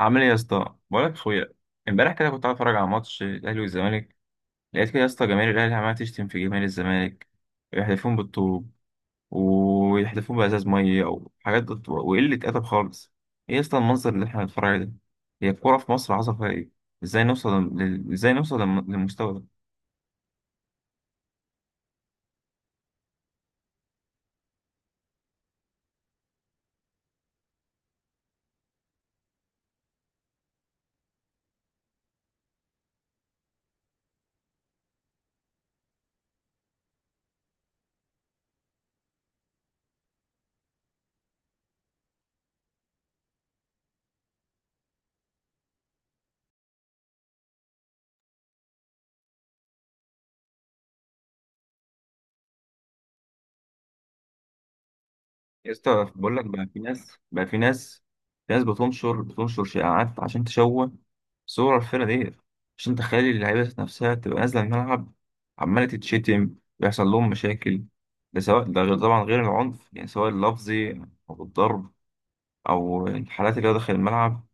عامل ايه يا اسطى؟ بقولك يا اخويا، امبارح كده كنت قاعد اتفرج على ماتش الاهلي والزمالك. لقيت كده يا اسطى جماهير الاهلي عماله تشتم في جماهير الزمالك، ويحلفون بالطوب، ويحلفون بازاز ميه او حاجات وقله ادب خالص. ايه يا اسطى المنظر اللي احنا بنتفرج عليه ده؟ هي الكوره في مصر حصل فيها ايه؟ ازاي نوصل للمستوى ده؟ يا اسطى بقول لك بقى، في ناس بتنشر شائعات عشان تشوه صور الفرقة دي، عشان تخلي اللعيبة نفسها تبقى نازلة الملعب عمالة تتشتم، ويحصل لهم مشاكل. ده سواء، ده غير طبعا غير العنف، يعني سواء اللفظي أو الضرب أو الحالات اللي هو داخل الملعب.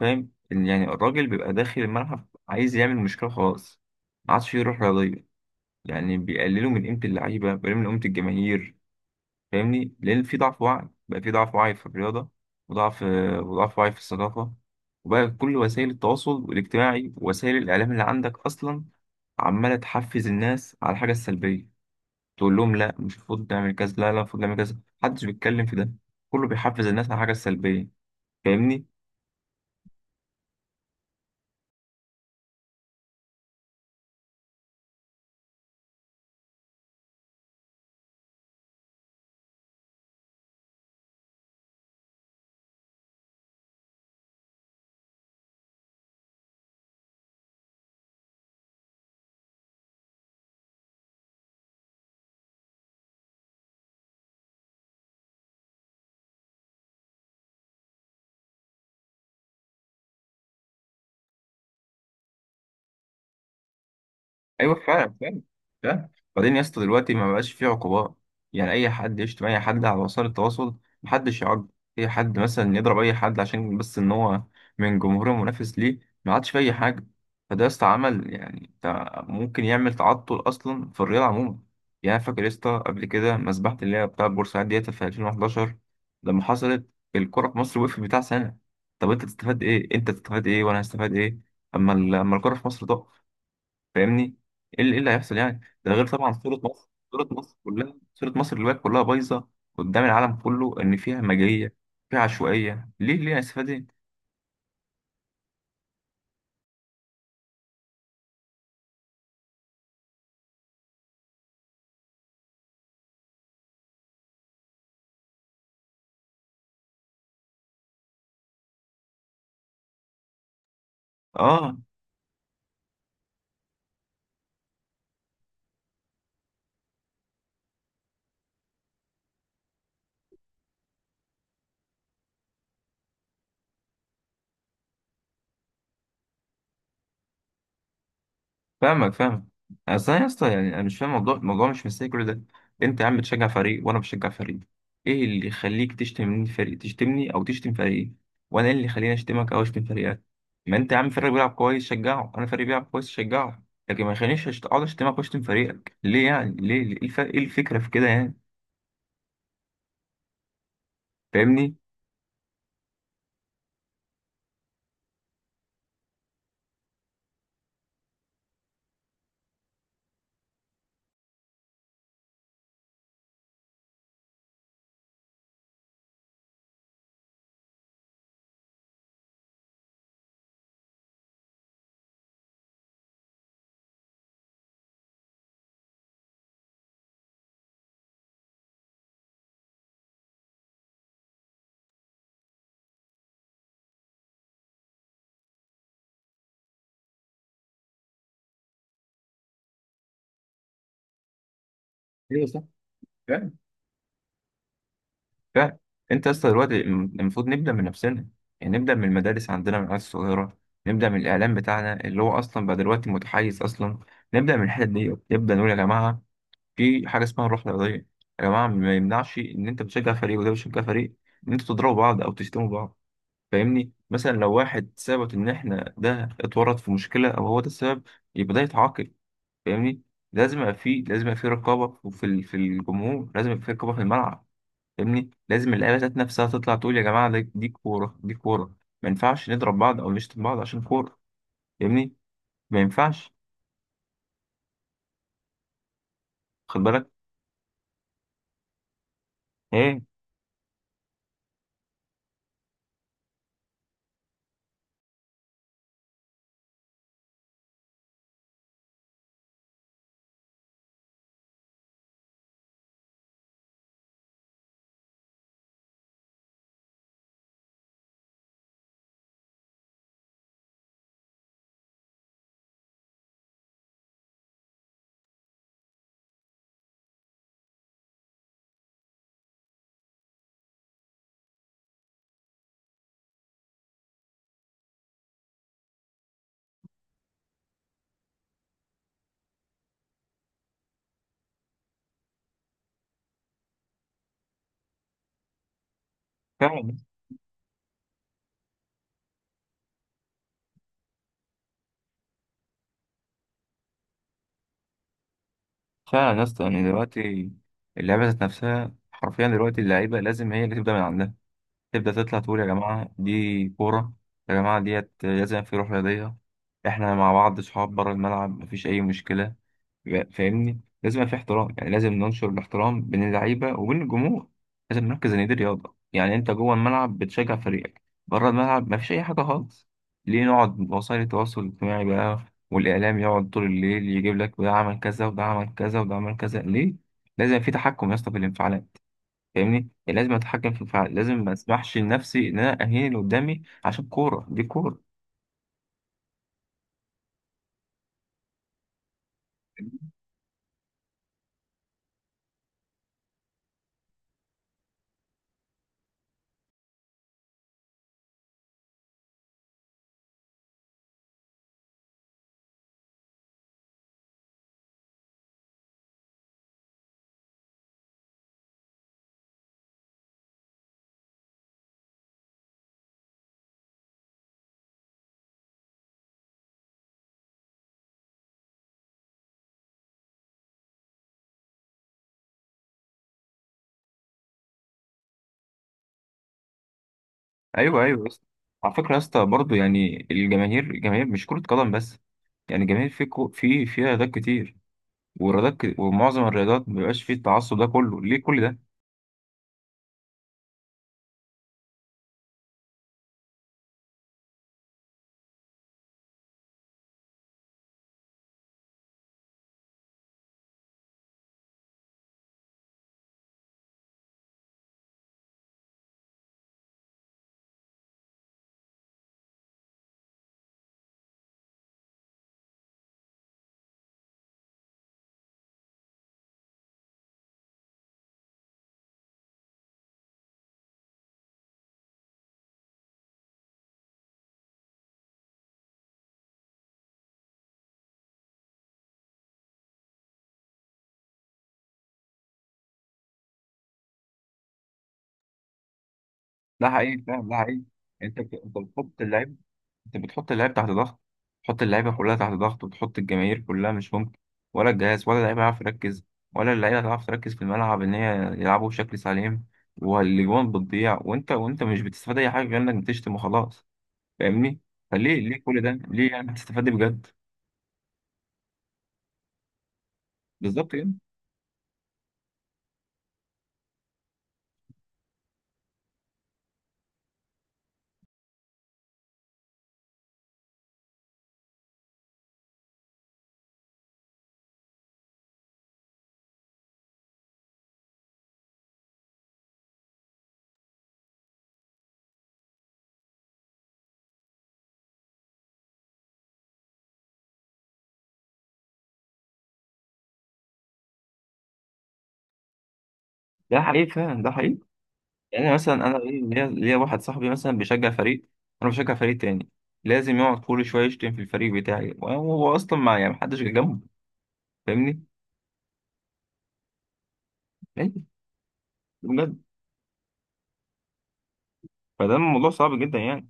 فاهم؟ يعني الراجل بيبقى داخل الملعب عايز يعمل مشكلة خلاص، ما عادش فيه روح رياضية. يعني بيقللوا من قيمة اللعيبة، بيقللوا من قيمة الجماهير. فاهمني؟ لان في ضعف وعي، بقى في ضعف وعي في الرياضه، وضعف وضعف وعي في الثقافه. وبقى كل وسائل التواصل الاجتماعي ووسائل الاعلام اللي عندك اصلا عماله تحفز الناس على الحاجه السلبيه. تقول لهم لا، مش المفروض نعمل كذا، لا لا، المفروض نعمل كذا. محدش بيتكلم في ده، كله بيحفز الناس على الحاجه السلبيه. فاهمني؟ ايوه، فعلا، فعلا، فعلا. بعدين يا اسطى دلوقتي ما بقاش فيه عقوبات. يعني اي حد يشتم اي حد على وسائل التواصل، محدش يعاقب. اي حد مثلا يضرب اي حد عشان بس ان هو من جمهور منافس ليه، ما عادش فيه اي حاجه. فده يا اسطى عمل، يعني ممكن يعمل تعطل اصلا في الرياضه عموما. يعني أنا فاكر يا اسطى قبل كده مسبحه اللي هي بتاع بورسعيد ديت في 2011 لما حصلت، الكره في مصر وقفت بتاع سنه. طب انت تستفاد ايه؟ وانا هستفاد ايه اما الكره في مصر تقف؟ فاهمني؟ ايه اللي إيه اللي هيحصل يعني؟ ده غير طبعا، صورة مصر دلوقتي كلها بايظة قدام العالم كله، ان فيها همجية، فيها عشوائية. ليه؟ ليه هنستفاد ايه؟ اه، فاهمك، فاهمك. اصل انا يا اسطى، يعني انا مش فاهم الموضوع مش مستاهل كل ده. انت يا عم بتشجع فريق وانا بشجع فريق، ايه اللي يخليك تشتم فريق، تشتمني او تشتم فريقي؟ وانا إيه اللي يخليني اشتمك او اشتم فريقك؟ ما انت يا عم فريق بيلعب كويس شجعه، انا فريق بيلعب كويس شجعه. لكن ما يخلينيش اقعد اشتمك واشتم فريقك، ليه يعني؟ ليه؟ إيه الفكره في كده يعني؟ فاهمني؟ ايوه صح، فعلا. انت يا اسطى دلوقتي المفروض نبدا من نفسنا، يعني نبدا من المدارس عندنا، من العيال الصغيره. نبدا من الاعلام بتاعنا اللي هو اصلا بقى دلوقتي متحيز اصلا. نبدا من الحته دي، نبدا نقول يا جماعه في حاجه اسمها الروح الرياضيه. يا جماعه ما يمنعش ان انت بتشجع فريق وده بيشجع فريق ان انتوا تضربوا بعض او تشتموا بعض. فاهمني؟ مثلا لو واحد ثبت ان احنا ده اتورط في مشكله او هو ده السبب، يبقى ده يتعاقب. فاهمني؟ لازم يبقى في رقابه، في الجمهور لازم يبقى في رقابه في الملعب. فاهمني؟ لازم اللعيبه ذات نفسها تطلع تقول يا جماعه، دي كوره، دي كوره، ما ينفعش نضرب بعض او نشتم بعض عشان كوره. فاهمني؟ ما ينفعش. خد بالك. ايه؟ فعلا، فعلا يا اسطى. يعني دلوقتي اللعيبه ذات نفسها حرفيا دلوقتي، اللعيبه لازم هي اللي تبدا من عندها، تبدا تطلع تقول يا جماعه دي كوره، يا جماعه ديت لازم في روح رياضيه. احنا مع بعض صحاب، بره الملعب مفيش اي مشكله. فاهمني؟ لازم يبقى في احترام، يعني لازم ننشر الاحترام بين اللعيبه وبين الجمهور. لازم نركز ان دي رياضه، يعني انت جوه الملعب بتشجع فريقك، بره الملعب مفيش اي حاجه خالص. ليه نقعد وسائل التواصل الاجتماعي بقى والاعلام يقعد طول الليل يجيب لك ده عمل كذا، وده عمل كذا، وده عمل كذا، ليه؟ لازم في تحكم يا اسطى في الانفعالات. فاهمني؟ يعني لازم اتحكم في الانفعالات، لازم ما اسمحش لنفسي ان انا اهين اللي قدامي عشان كوره، دي كوره. ايوه، ايوه، بس على فكره يا اسطى برضه، يعني الجماهير مش كره قدم بس، يعني الجماهير في كو في فيها رياضات كتير. ومعظم الرياضات ما بيبقاش فيه التعصب ده كله، ليه كل ده؟ ده حقيقي فعلا، ده حقيقي. انت بت- انت بتحط اللعيب انت بتحط اللعيب تحت ضغط، بتحط اللعيبه كلها تحت ضغط، وبتحط الجماهير كلها. مش ممكن ولا الجهاز ولا اللعيبه هيعرف يركز، ولا اللعيبه هتعرف تركز في الملعب ان هي يلعبوا بشكل سليم، والاجوان بتضيع. وانت مش بتستفاد اي حاجه غير انك بتشتم وخلاص. فاهمني؟ فليه كل ده؟ ليه يعني؟ هتستفاد إيه بجد؟ بالظبط كده. ده حقيقي فعلا، ده حقيقي. يعني مثلا انا ليا واحد صاحبي مثلا بيشجع فريق، انا بشجع فريق تاني، لازم يقعد كل شويه يشتم في الفريق بتاعي، وهو اصلا ما يعني محدش جه جنبه. فاهمني؟ ليه؟ بجد؟ فده الموضوع صعب جدا يعني.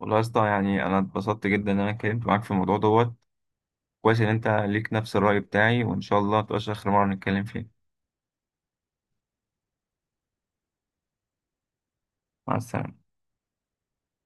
والله يا اسطى، يعني انا اتبسطت جدا ان انا اتكلمت معاك في الموضوع دوت. كويس ان انت ليك نفس الرأي بتاعي، وان شاء الله متبقاش اخر مره نتكلم فيه. مع السلامه.